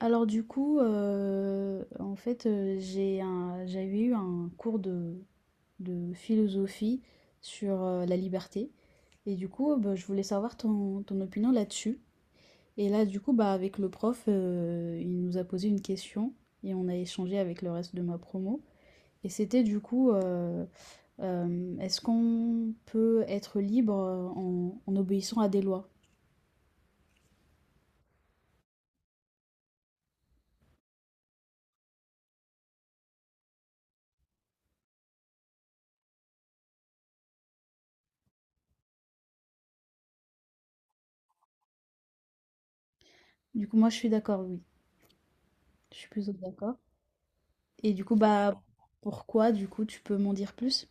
Alors du coup, en fait, j'avais eu un cours de philosophie sur, la liberté. Et du coup, bah, je voulais savoir ton opinion là-dessus. Et là, du coup, bah, avec le prof, il nous a posé une question et on a échangé avec le reste de ma promo. Et c'était du coup, est-ce qu'on peut être libre, en obéissant à des lois? Du coup, moi, je suis d'accord, oui. Je suis plutôt d'accord. Et du coup, bah, pourquoi, du coup, tu peux m'en dire plus?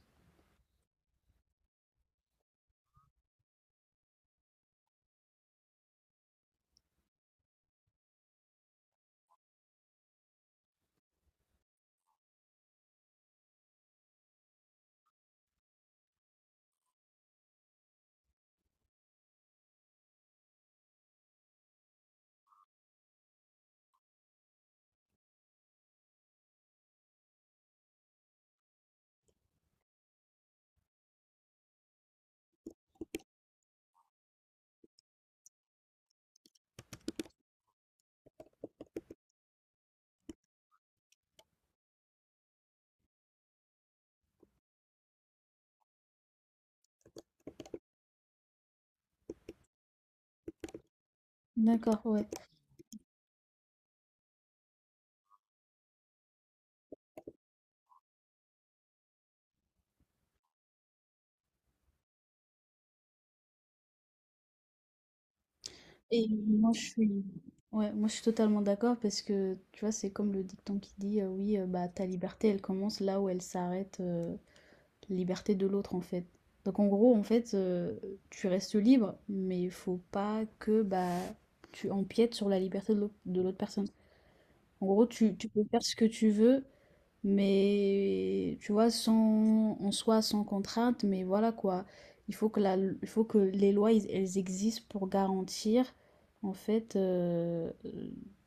D'accord, ouais. Et moi, je suis, ouais, moi, je suis totalement d'accord parce que, tu vois, c'est comme le dicton qui dit, oui, bah, ta liberté, elle commence là où elle s'arrête, la liberté de l'autre, en fait. Donc, en gros, en fait, tu restes libre, mais il faut pas que, bah, tu empiètes sur la liberté de l'autre personne. En gros, tu peux faire ce que tu veux, mais tu vois, sans, en soi, sans contrainte, mais voilà quoi. Il faut que, il faut que les lois, elles existent pour garantir, en fait,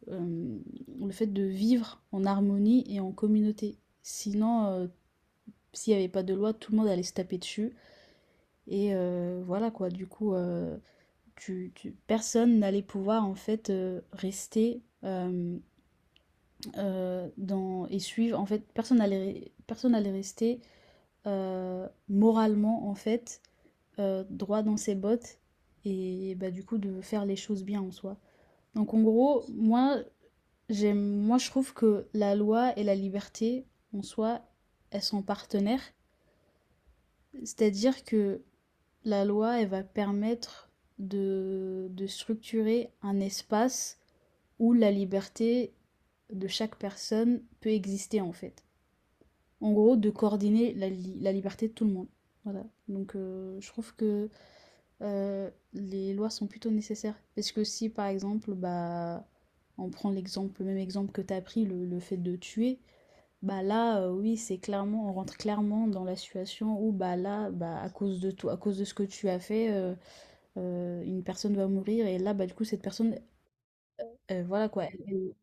euh, le fait de vivre en harmonie et en communauté. Sinon, s'il n'y avait pas de loi, tout le monde allait se taper dessus. Et voilà quoi, du coup, personne n'allait pouvoir, en fait, rester dans, et suivre. En fait, personne n'allait rester moralement en fait droit dans ses bottes et bah du coup de faire les choses bien en soi. Donc en gros, moi je trouve que la loi et la liberté en soi, elles sont partenaires, c'est-à-dire que la loi elle va permettre de structurer un espace où la liberté de chaque personne peut exister en fait. En gros, de coordonner la liberté de tout le monde. Voilà. Donc, je trouve que les lois sont plutôt nécessaires. Parce que si, par exemple, bah, on prend l'exemple, le même exemple que tu as pris, le fait de tuer, bah là, oui, on rentre clairement dans la situation où, bah là, bah, à cause de toi, à cause de ce que tu as fait, une personne va mourir. Et là, bah, du coup, cette personne, voilà quoi, elle-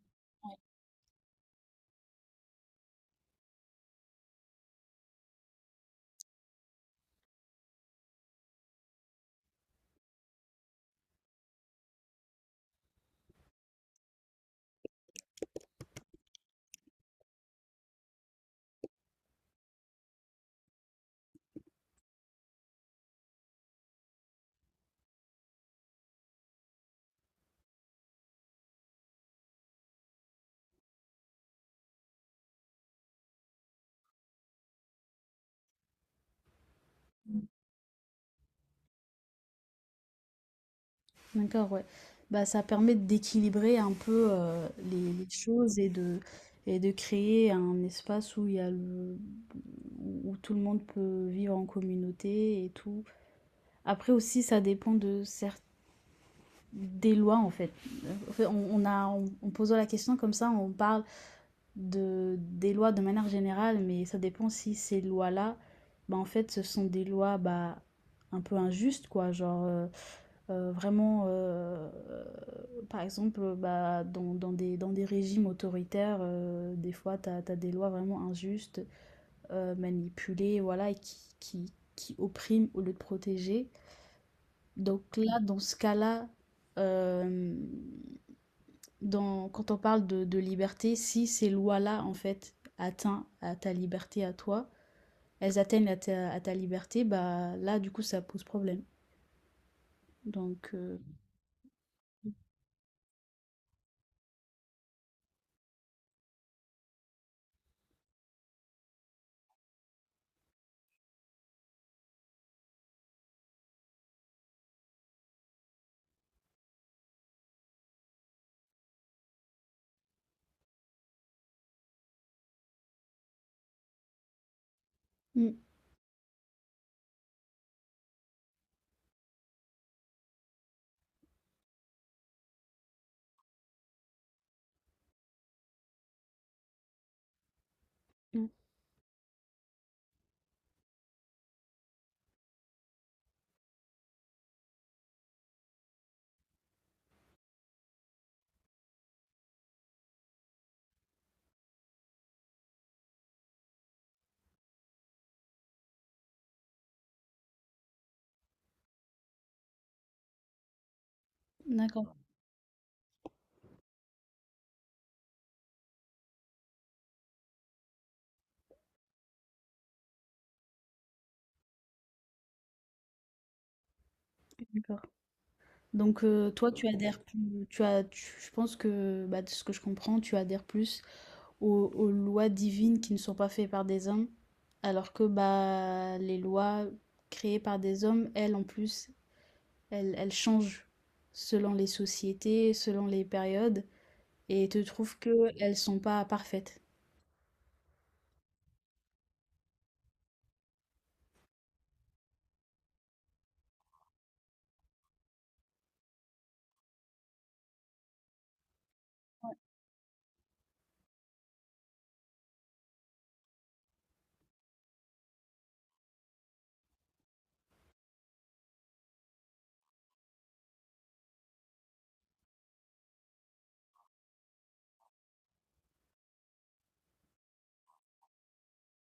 D'accord, ouais. Bah, ça permet d'équilibrer un peu les choses et de créer un espace où il y a le- où tout le monde peut vivre en communauté et tout. Après aussi, ça dépend des lois en fait. En fait, on a, en posant la question comme ça, on parle de, des lois de manière générale, mais ça dépend si ces lois-là, bah, en fait, ce sont des lois bah, un peu injustes, quoi. Genre, vraiment, par exemple, bah, dans des régimes autoritaires, des fois tu as des lois vraiment injustes, manipulées, voilà, et qui oppriment au lieu de protéger. Donc là, dans ce cas-là, hem, dans quand on parle de liberté, si ces lois-là, en fait, atteint à ta liberté à toi, elles atteignent à ta liberté, bah, là, du coup, ça pose problème. Donc mmh, mmh, d'accord. Donc toi, tu adhères plus tu as tu je pense que, bah, de ce que je comprends, tu adhères plus aux lois divines qui ne sont pas faites par des hommes, alors que, bah, les lois créées par des hommes, elles, en plus, elles changent selon les sociétés, selon les périodes et te trouves que elles sont pas parfaites.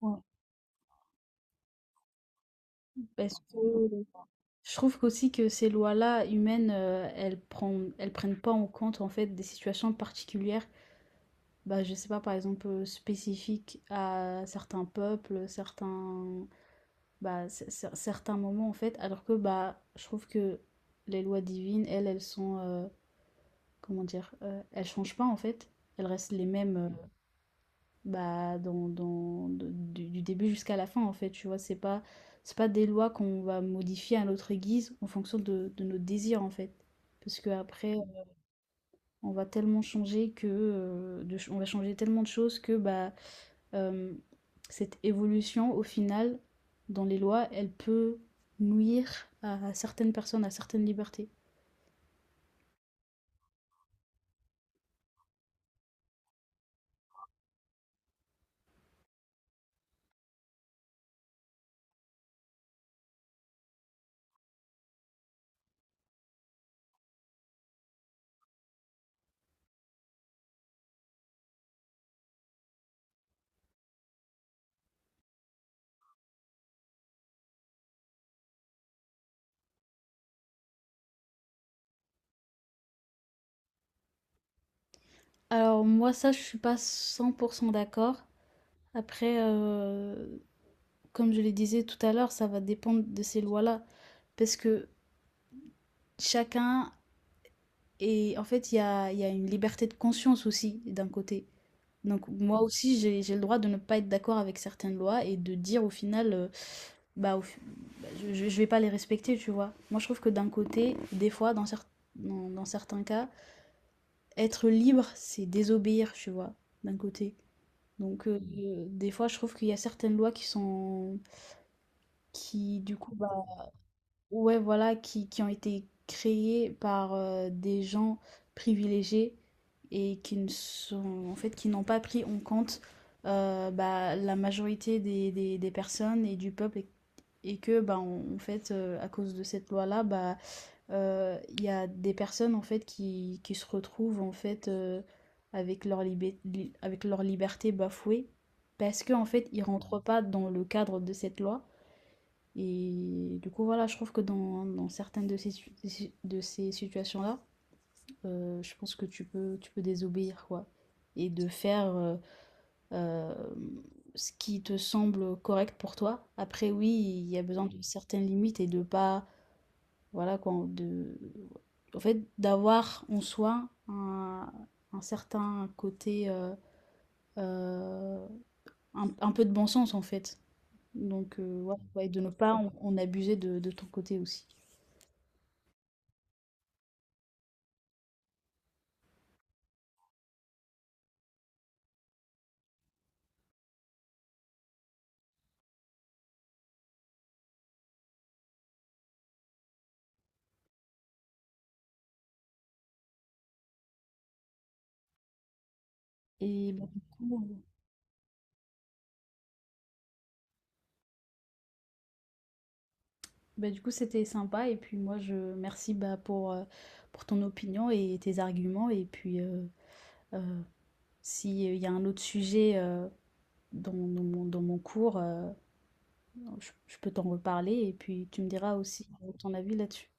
Ouais, parce que je trouve qu'aussi que ces lois-là humaines, elles prennent pas en compte, en fait, des situations particulières. Bah, je sais pas, par exemple, spécifiques à certains peuples, certains, bah, certains moments en fait, alors que bah, je trouve que les lois divines, elles, elles sont, comment dire, elles changent pas en fait, elles restent les mêmes bah, du début jusqu'à la fin en fait, tu vois, c'est pas des lois qu'on va modifier à notre guise en fonction de nos désirs en fait, parce que après, on va tellement changer que, on va changer tellement de choses que bah, euh, cette évolution, au final, dans les lois, elle peut nuire à certaines personnes, à certaines libertés. Alors moi, ça, je suis pas cent pour cent d'accord. Après, comme je le disais tout à l'heure, ça va dépendre de ces lois-là. Parce que chacun et en fait, il y a une liberté de conscience aussi, d'un côté. Donc moi aussi, j'ai le droit de ne pas être d'accord avec certaines lois et de dire au final, bah, au bah, je vais pas les respecter, tu vois. Moi, je trouve que d'un côté, des fois, dans certains cas, être libre, c'est désobéir, tu vois, d'un côté. Donc, des fois, je trouve qu'il y a certaines lois qui sont, qui, du coup, bah, ouais, voilà, qui ont été créées par des gens privilégiés et qui ne sont, en fait, qui n'ont pas pris en compte bah, la majorité des personnes et du peuple, et que bah, en fait à cause de cette loi là bah il y a des personnes en fait qui se retrouvent en fait avec leur avec leur liberté bafouée parce que en fait ils rentrent pas dans le cadre de cette loi. Et du coup voilà je trouve que dans, dans certaines de ces su- de ces situations là je pense que tu peux désobéir quoi et de faire euh, ce qui te semble correct pour toi. Après, oui, il y a besoin de certaines limites et de pas, voilà quoi, de, en fait, d'avoir en soi un certain côté, euh, un peu de bon sens en fait. Donc, ouais, ouais, de ne pas en abuser de ton côté aussi. Et bah, du coup, c'était sympa. Et puis moi, je merci bah, pour ton opinion et tes arguments. Et puis, euh, s'il y a un autre sujet, dans mon cours, je peux t'en reparler et puis tu me diras aussi, ton avis là-dessus.